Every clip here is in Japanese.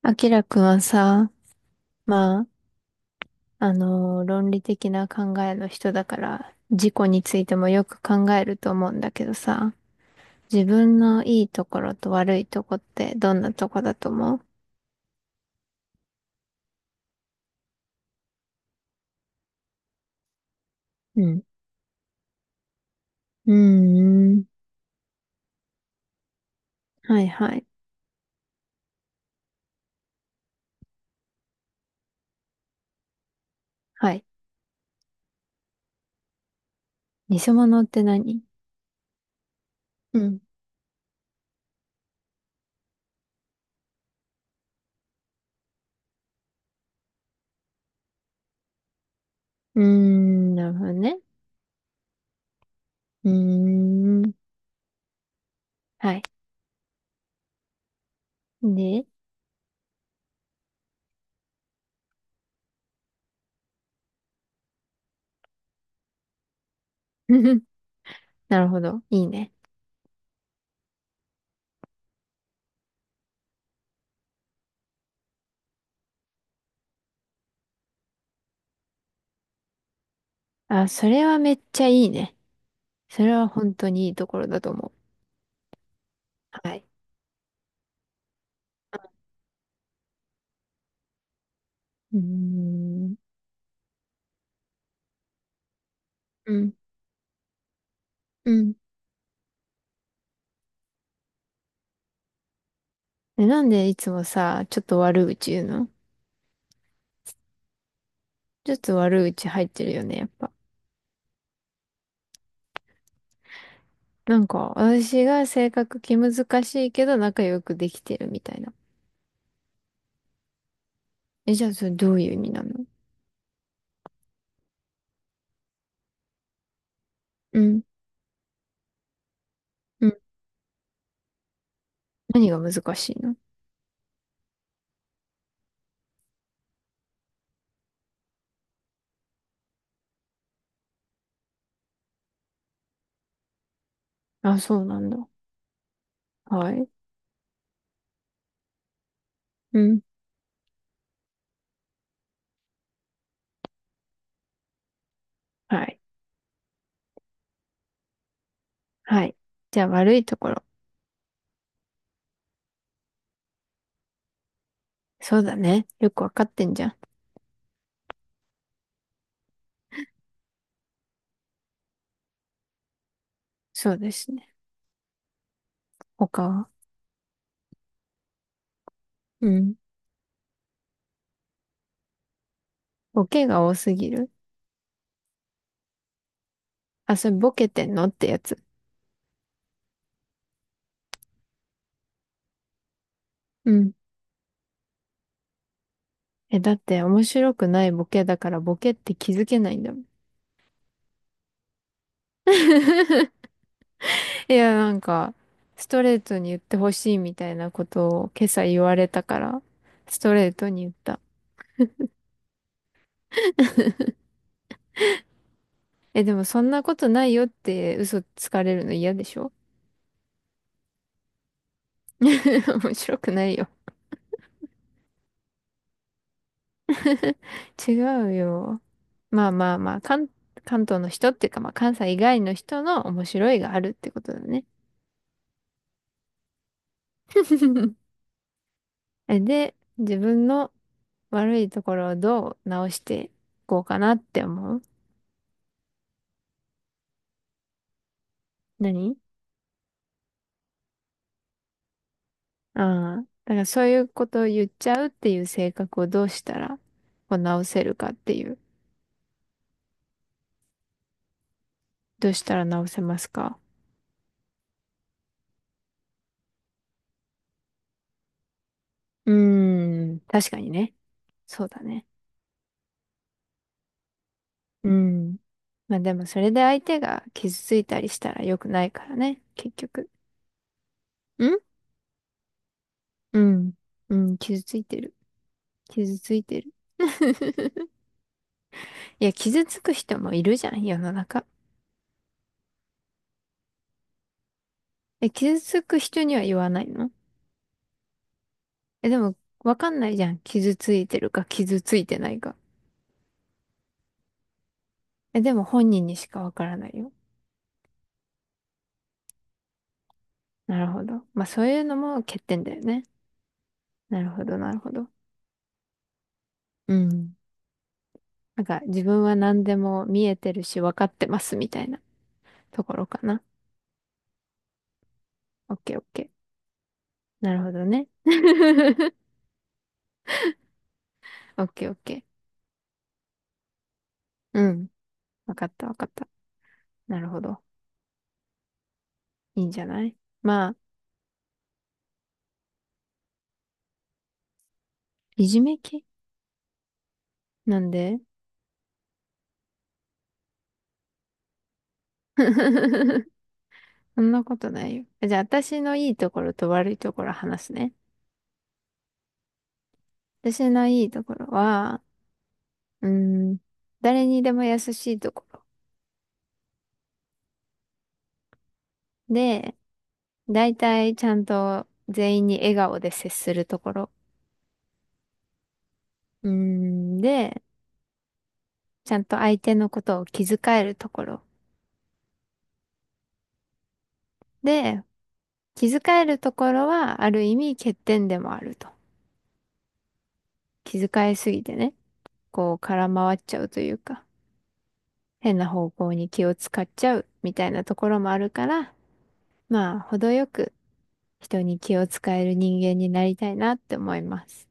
あきらくんはさ、まあ、論理的な考えの人だから、自己についてもよく考えると思うんだけどさ、自分のいいところと悪いとこってどんなとこだと思う？うん。うーん。はいはい。はい。偽物って何？うん。うーん、なるほどね。うーん。はい。で、なるほど。いいね。あ、それはめっちゃいいね。それは本当にいいところだと思う。はい。うーんうん。うん。え、なんでいつもさ、ちょっと悪口言うの？ちょっと悪口入ってるよね、やっぱ。なんか、私が性格気難しいけど仲良くできてるみたいな。え、じゃあそれどういう意味なの？うん。うん。何が難しいの？あ、そうなんだ。はい。うん。はい。はい。じゃあ悪いところ。そうだね。よくわかってんじゃん。そうですね。他は？うん。ボケが多すぎる。あ、それボケてんのってやつ。うん。え、だって面白くないボケだからボケって気づけないんだもん。いや、なんか、ストレートに言ってほしいみたいなことを今朝言われたから、ストレートに言った。え、でもそんなことないよって嘘つかれるの嫌でしょ？ 面白くないよ。違うよ。まあまあまあ、関、関東の人っていうか、まあ関西以外の人の面白いがあるってことだね。えで、自分の悪いところをどう直していこうかなって思う？何？ああー。だからそういうことを言っちゃうっていう性格をどうしたらこう直せるかっていう。どうしたら直せますか？うーん。確かにね。そうだね。うん。まあでもそれで相手が傷ついたりしたら良くないからね。結局。ん？うん。うん。傷ついてる。傷ついてる。いや、傷つく人もいるじゃん、世の中。え、傷つく人には言わないの？え、でも、わかんないじゃん。傷ついてるか、傷ついてないか。え、でも本人にしかわからないよ。なるほど。まあ、そういうのも欠点だよね。なるほど、なるほど。うん。なんか、自分は何でも見えてるし、わかってますみたいなところかな。オッケーオッケー。なるほどね。オッケーオッケー。うん。わかったわかった。なるほど。いいんじゃない？まあ、いじめ系なんで。 そんなことないよ。じゃあ、私のいいところと悪いところ話すね。私のいいところは、うん、誰にでも優しいところ。で、大体ちゃんと全員に笑顔で接するところ。うん、で、ちゃんと相手のことを気遣えるところ。で、気遣えるところはある意味欠点でもあると。気遣いすぎてね、こう空回っちゃうというか、変な方向に気を使っちゃうみたいなところもあるから、まあ、程よく人に気を使える人間になりたいなって思います。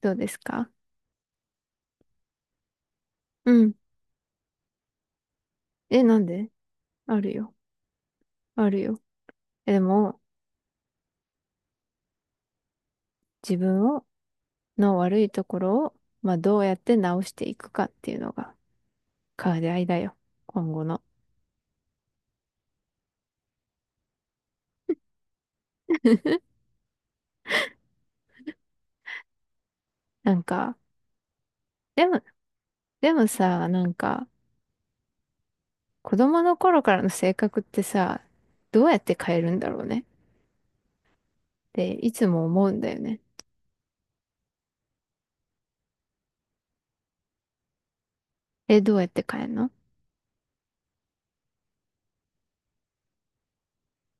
どうですか？うん。え、なんで？あるよ。あるよ。え、でも、自分を、の悪いところを、まあ、どうやって直していくかっていうのが、課題だよ。今後の。なんか、でも、でもさ、なんか、子供の頃からの性格ってさ、どうやって変えるんだろうね。っていつも思うんだよね。え、どうやって変えるの？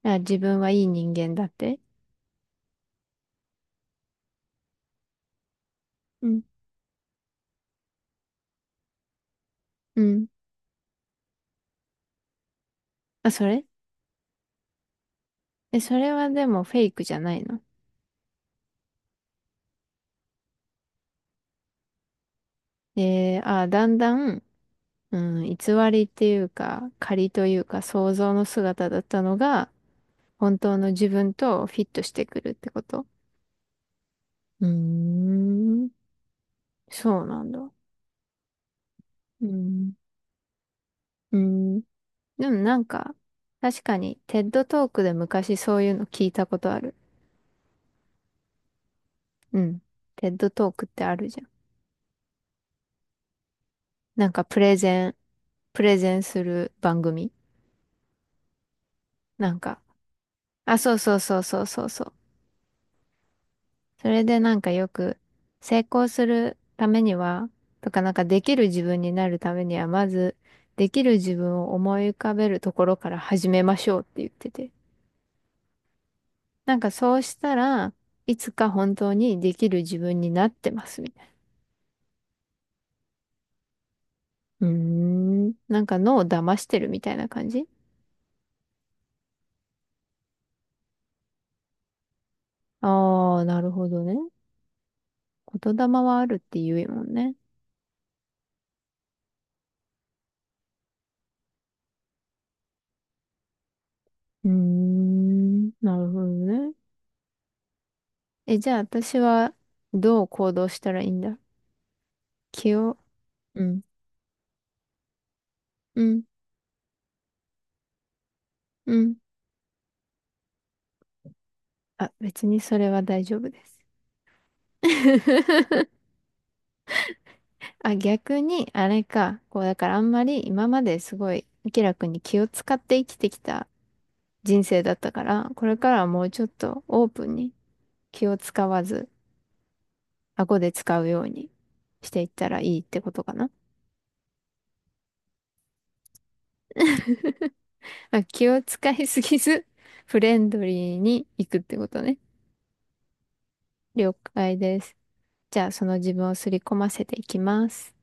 あ、自分はいい人間だって。うん。うん。あ、それ、え、それはでもフェイクじゃないの？えー、あ、だんだん、うん、偽りっていうか、仮というか、想像の姿だったのが、本当の自分とフィットしてくるってこと。うーん、そうなんだ。うん、うん。でもなんか、確かに、テッドトークで昔そういうの聞いたことある。うん。テッドトークってあるじゃん。なんか、プレゼンする番組。なんか、あ、そうそうそうそうそうそう。それでなんかよく成功するためには、とかなんかできる自分になるためには、まずできる自分を思い浮かべるところから始めましょうって言ってて。なんかそうしたらいつか本当にできる自分になってますみたいな。うーん。なんか脳を騙してるみたいな感じ？ああー、なるほどね。言霊はあるって言うもんね。うーん。なるほどね。え、じゃあ私はどう行動したらいいんだ？気を。うんうん、うん。あ、別にそれは大丈夫です。あ、逆に、あれか。こう、だからあんまり今まですごい、明らかに気を使って生きてきた人生だったから、これからはもうちょっとオープンに気を使わず、顎で使うようにしていったらいいってことかな。まあ、気を使いすぎず、フレンドリーに行くってことね。了解です。じゃあ、その自分を刷り込ませていきます。